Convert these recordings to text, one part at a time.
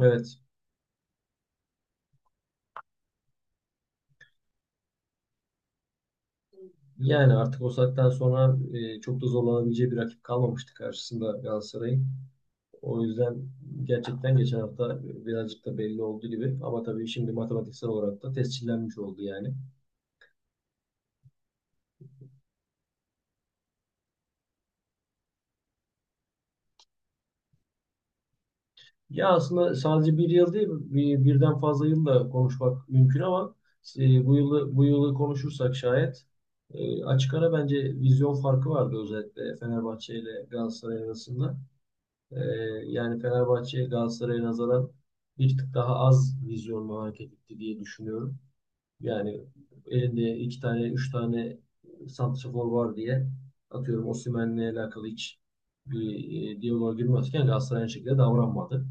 Evet. Yani artık o saatten sonra çok da zorlanabileceği bir rakip kalmamıştı karşısında Galatasaray'ın. O yüzden gerçekten geçen hafta birazcık da belli olduğu gibi. Ama tabii şimdi matematiksel olarak da tescillenmiş oldu yani. Ya aslında sadece bir yıl değil, birden fazla yılla konuşmak mümkün ama bu yılı konuşursak şayet açık ara bence vizyon farkı vardı özellikle Fenerbahçe ile Galatasaray arasında. Ee, Yani Fenerbahçe Galatasaray'a nazaran bir tık daha az vizyonlu hareket etti diye düşünüyorum. Yani elinde iki tane, üç tane santrafor var diye atıyorum Osimhen'le alakalı hiç bir diyaloğa girmezken Galatasaray aynı şekilde davranmadı.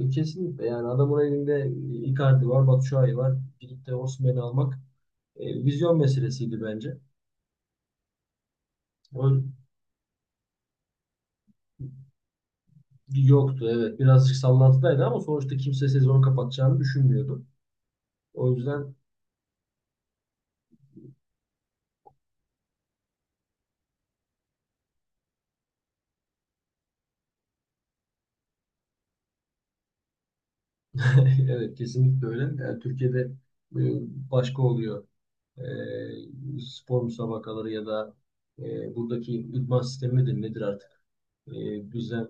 Kesinlikle yani adamın elinde Icardi var, Batshuayi var. Gidip de Osimhen'i almak vizyon meselesiydi bence. O yoktu evet. Birazcık sallantıdaydı ama sonuçta kimse sezonu kapatacağını düşünmüyordu. O yüzden evet kesinlikle öyle. Yani Türkiye'de e, başka oluyor. E, Spor müsabakaları ya da buradaki idman sistemi midir nedir artık? E, Bizden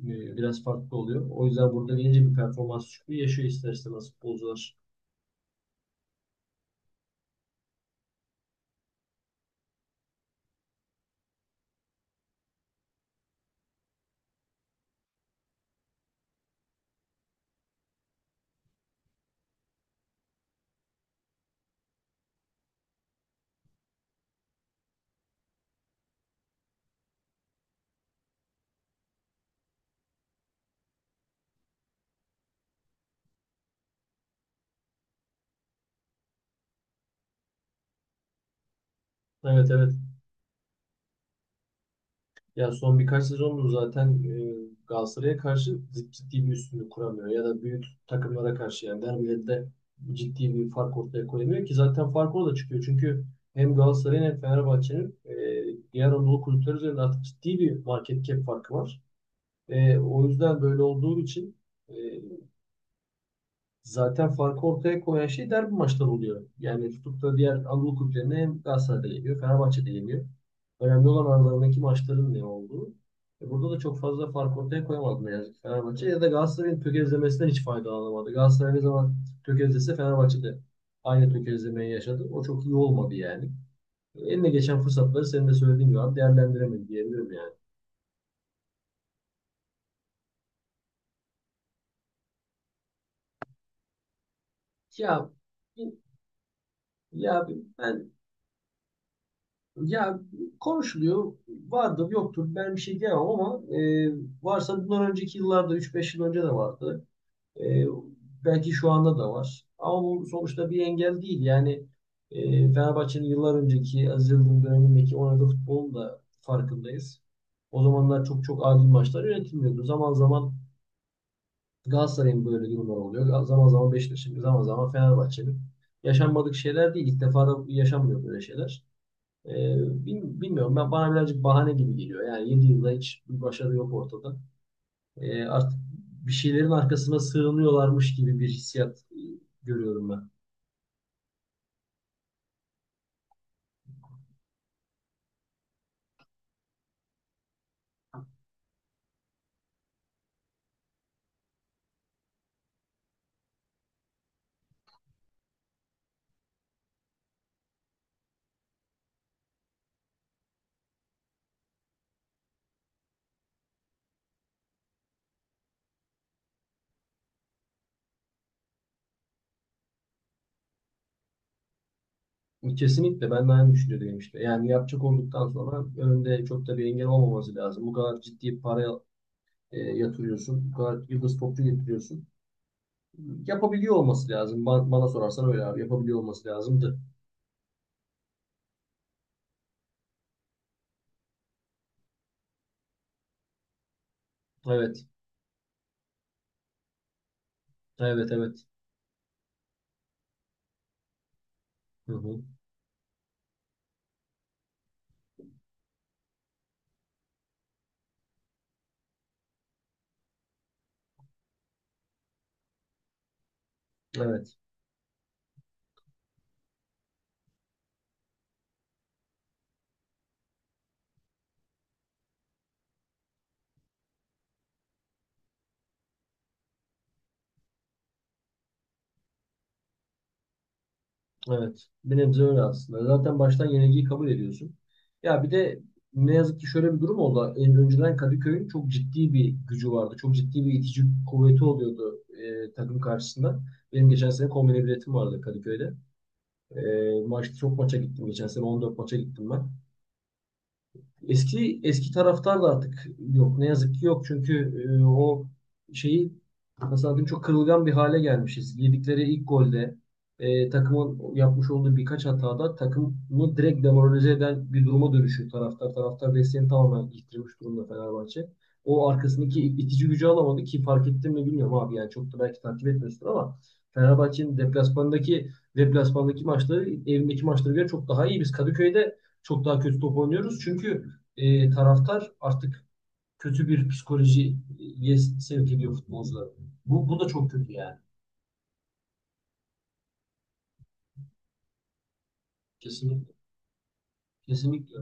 e, biraz farklı oluyor. O yüzden burada gelince bir performans düşüklüğü yaşıyor ister istemez futbolcular. Evet, evet. Ya son birkaç sezondur zaten Galatasaray'a karşı ciddi bir üstünlük kuramıyor. Ya da büyük takımlara karşı yani derbilerde ciddi bir fark ortaya koyamıyor ki zaten fark orada çıkıyor. Çünkü hem Galatasaray'ın hem Fenerbahçe'nin diğer Anadolu kulüpleri üzerinde artık ciddi bir market cap farkı var. O yüzden böyle olduğu için e, zaten farkı ortaya koyan şey derbi maçları oluyor. Yani tutup da diğer Anadolu kulüplerine hem Galatasaray'da yeniyor, Fenerbahçe'de yeniyor. Önemli olan aralarındaki maçların ne olduğu. E burada da çok fazla fark ortaya koyamadı ne yazık ki Fenerbahçe. Ya da Galatasaray'ın tökezlemesinden hiç faydalanamadı. Galatasaray ne zaman tökezlese Fenerbahçede aynı tökezlemeyi yaşadı. O çok iyi olmadı yani. Eline geçen fırsatları senin de söylediğin gibi abi değerlendiremedi diyebilirim yani. Ya, ya ben ya konuşuluyor. Vardır, yoktur. Ben bir şey diyemem ama varsa bundan önceki yıllarda üç beş yıl önce de vardı. E, Belki şu anda da var. Ama bu sonuçta bir engel değil. Yani Fenerbahçe'nin yıllar önceki Aziz Yıldırım dönemindeki oynadığı futbolun da farkındayız. O zamanlar çok çok adil maçlar yönetilmiyordu. Zaman zaman Galatasaray'ın böyle durumlar oluyor. Zaman zaman Beşiktaş'ın, zaman zaman Fenerbahçe'nin. Yaşanmadık şeyler değil. İlk defa da yaşanmıyor böyle şeyler. Ee, Bilmiyorum, ben bana birazcık bahane gibi geliyor. Yani 7 yılda hiç bir başarı yok ortada. Artık bir şeylerin arkasına sığınıyorlarmış gibi bir hissiyat görüyorum ben. Kesinlikle ben de aynı düşünüyordum işte. Yani yapacak olduktan sonra önünde çok da bir engel olmaması lazım. Bu kadar ciddi para yatırıyorsun. Bu kadar yıldız topçu getiriyorsun. Yapabiliyor olması lazım. Bana sorarsan öyle abi. Yapabiliyor olması lazımdı. Evet. Evet, evet. Hı hı. Evet. Evet. Bir nebze öyle aslında. Zaten baştan yenilgiyi kabul ediyorsun. Ya bir de ne yazık ki şöyle bir durum oldu. En önceden Kadıköy'ün çok ciddi bir gücü vardı. Çok ciddi bir itici kuvveti oluyordu takım karşısında. Benim geçen sene kombine biletim vardı Kadıköy'de. Çok maça gittim geçen sene. 14 maça gittim ben. Eski eski taraftar da artık yok. Ne yazık ki yok. Çünkü o şeyi, nasıl diyeyim, çok kırılgan bir hale gelmişiz. Yedikleri ilk golde takımın yapmış olduğu birkaç hatada takımı direkt demoralize eden bir duruma dönüşüyor taraftar. Taraftar desteğini tamamen yitirmiş durumda Fenerbahçe. O arkasındaki itici gücü alamadı ki fark ettin mi bilmiyorum abi, yani çok da belki takip etmiyorsun ama Fenerbahçe'nin deplasmandaki maçları evindeki maçlara göre çok daha iyi. Biz Kadıköy'de çok daha kötü top oynuyoruz. Çünkü taraftar artık kötü bir psikolojiye sevk ediyor futbolcuları. Bu da çok kötü yani. Kesinlikle. Kesinlikle.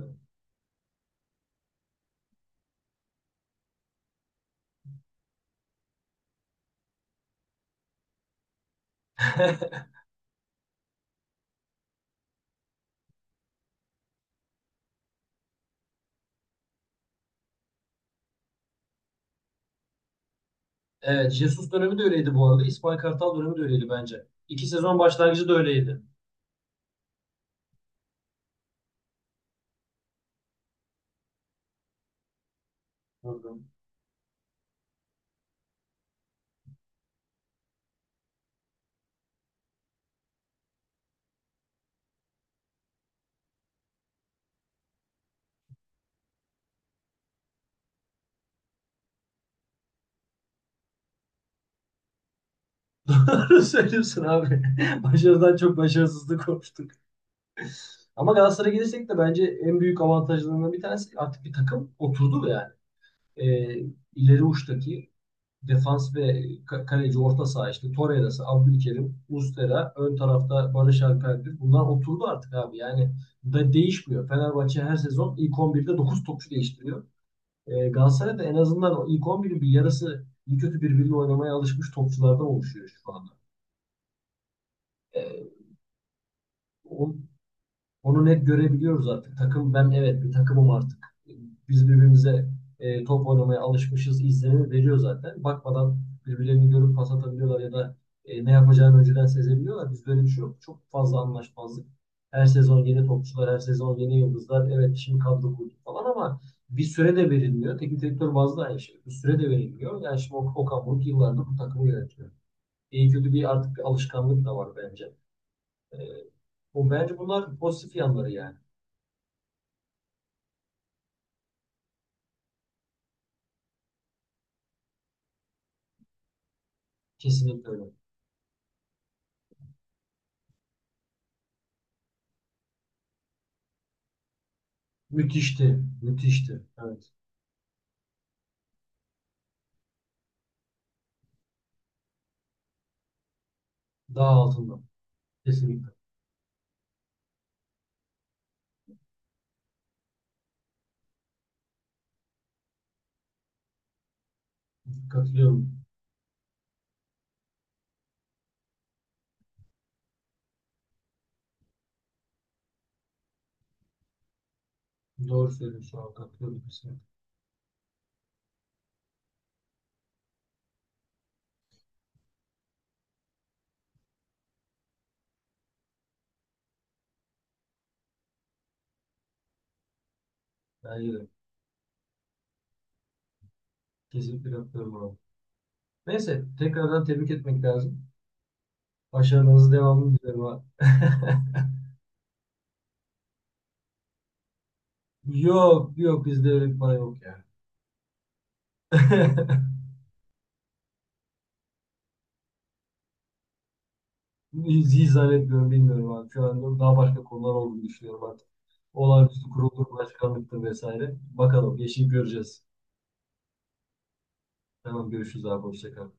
Evet, Jesus dönemi de öyleydi bu arada. İsmail Kartal dönemi de öyleydi bence. İki sezon başlangıcı da öyleydi. Doğru söylüyorsun abi. Başarıdan çok başarısızlık konuştuk. Ama Galatasaray'a gelirsek de bence en büyük avantajlarından bir tanesi artık bir takım oturdu yani. Ee, ileri uçtaki defans ve kaleci orta saha, işte Torreira'sı, Abdülkerim, Muslera, ön tarafta Barış Alper'dir. Bunlar oturdu artık abi. Yani da değişmiyor. Fenerbahçe her sezon ilk on birde 9 topçu değiştiriyor. Galatasaray da en azından o ilk 11'in bir yarısı iyi kötü birbiriyle oynamaya alışmış topçulardan oluşuyor şu anda. E, o- Onu net görebiliyoruz artık. Takım ben, evet, bir takımım artık. Biz birbirimize top oynamaya alışmışız izlenimi veriyor zaten. Bakmadan birbirlerini görüp pas atabiliyorlar ya da ne yapacağını önceden sezebiliyorlar. Biz böyle bir şey yok. Çok fazla anlaşmazlık. Her sezon yeni topçular, her sezon yeni yıldızlar. Evet şimdi kadro kurduk falan ama bir süre de verilmiyor. Teknik direktör bazlı aynı şey. Bir süre de verilmiyor. Yani şimdi Okan Buruk yıllardır bu takımı yönetiyor. İyi kötü bir artık bir alışkanlık da var bence. E, Bu bence, bunlar pozitif yanları yani. Kesinlikle öyle. Müthişti. Müthişti. Evet. Dağ altında. Kesinlikle. Katılıyorum. Doğru söylüyorsun şu an. Katılıyorum kesinlikle. Bence de. Kesinlikle katılıyorum abi. Neyse. Tekrardan tebrik etmek lazım. Başarılarınızın devamını dilerim abi. Yok. Yok. Bizde öyle bir para yok ya. Hiç zannetmiyorum. Bilmiyorum abi. Şu an daha başka konular olduğunu düşünüyorum artık. Olağanüstü kurulur, başkanlıktır vesaire. Bakalım. Yeşil göreceğiz. Tamam. Görüşürüz abi. Hoşça kal.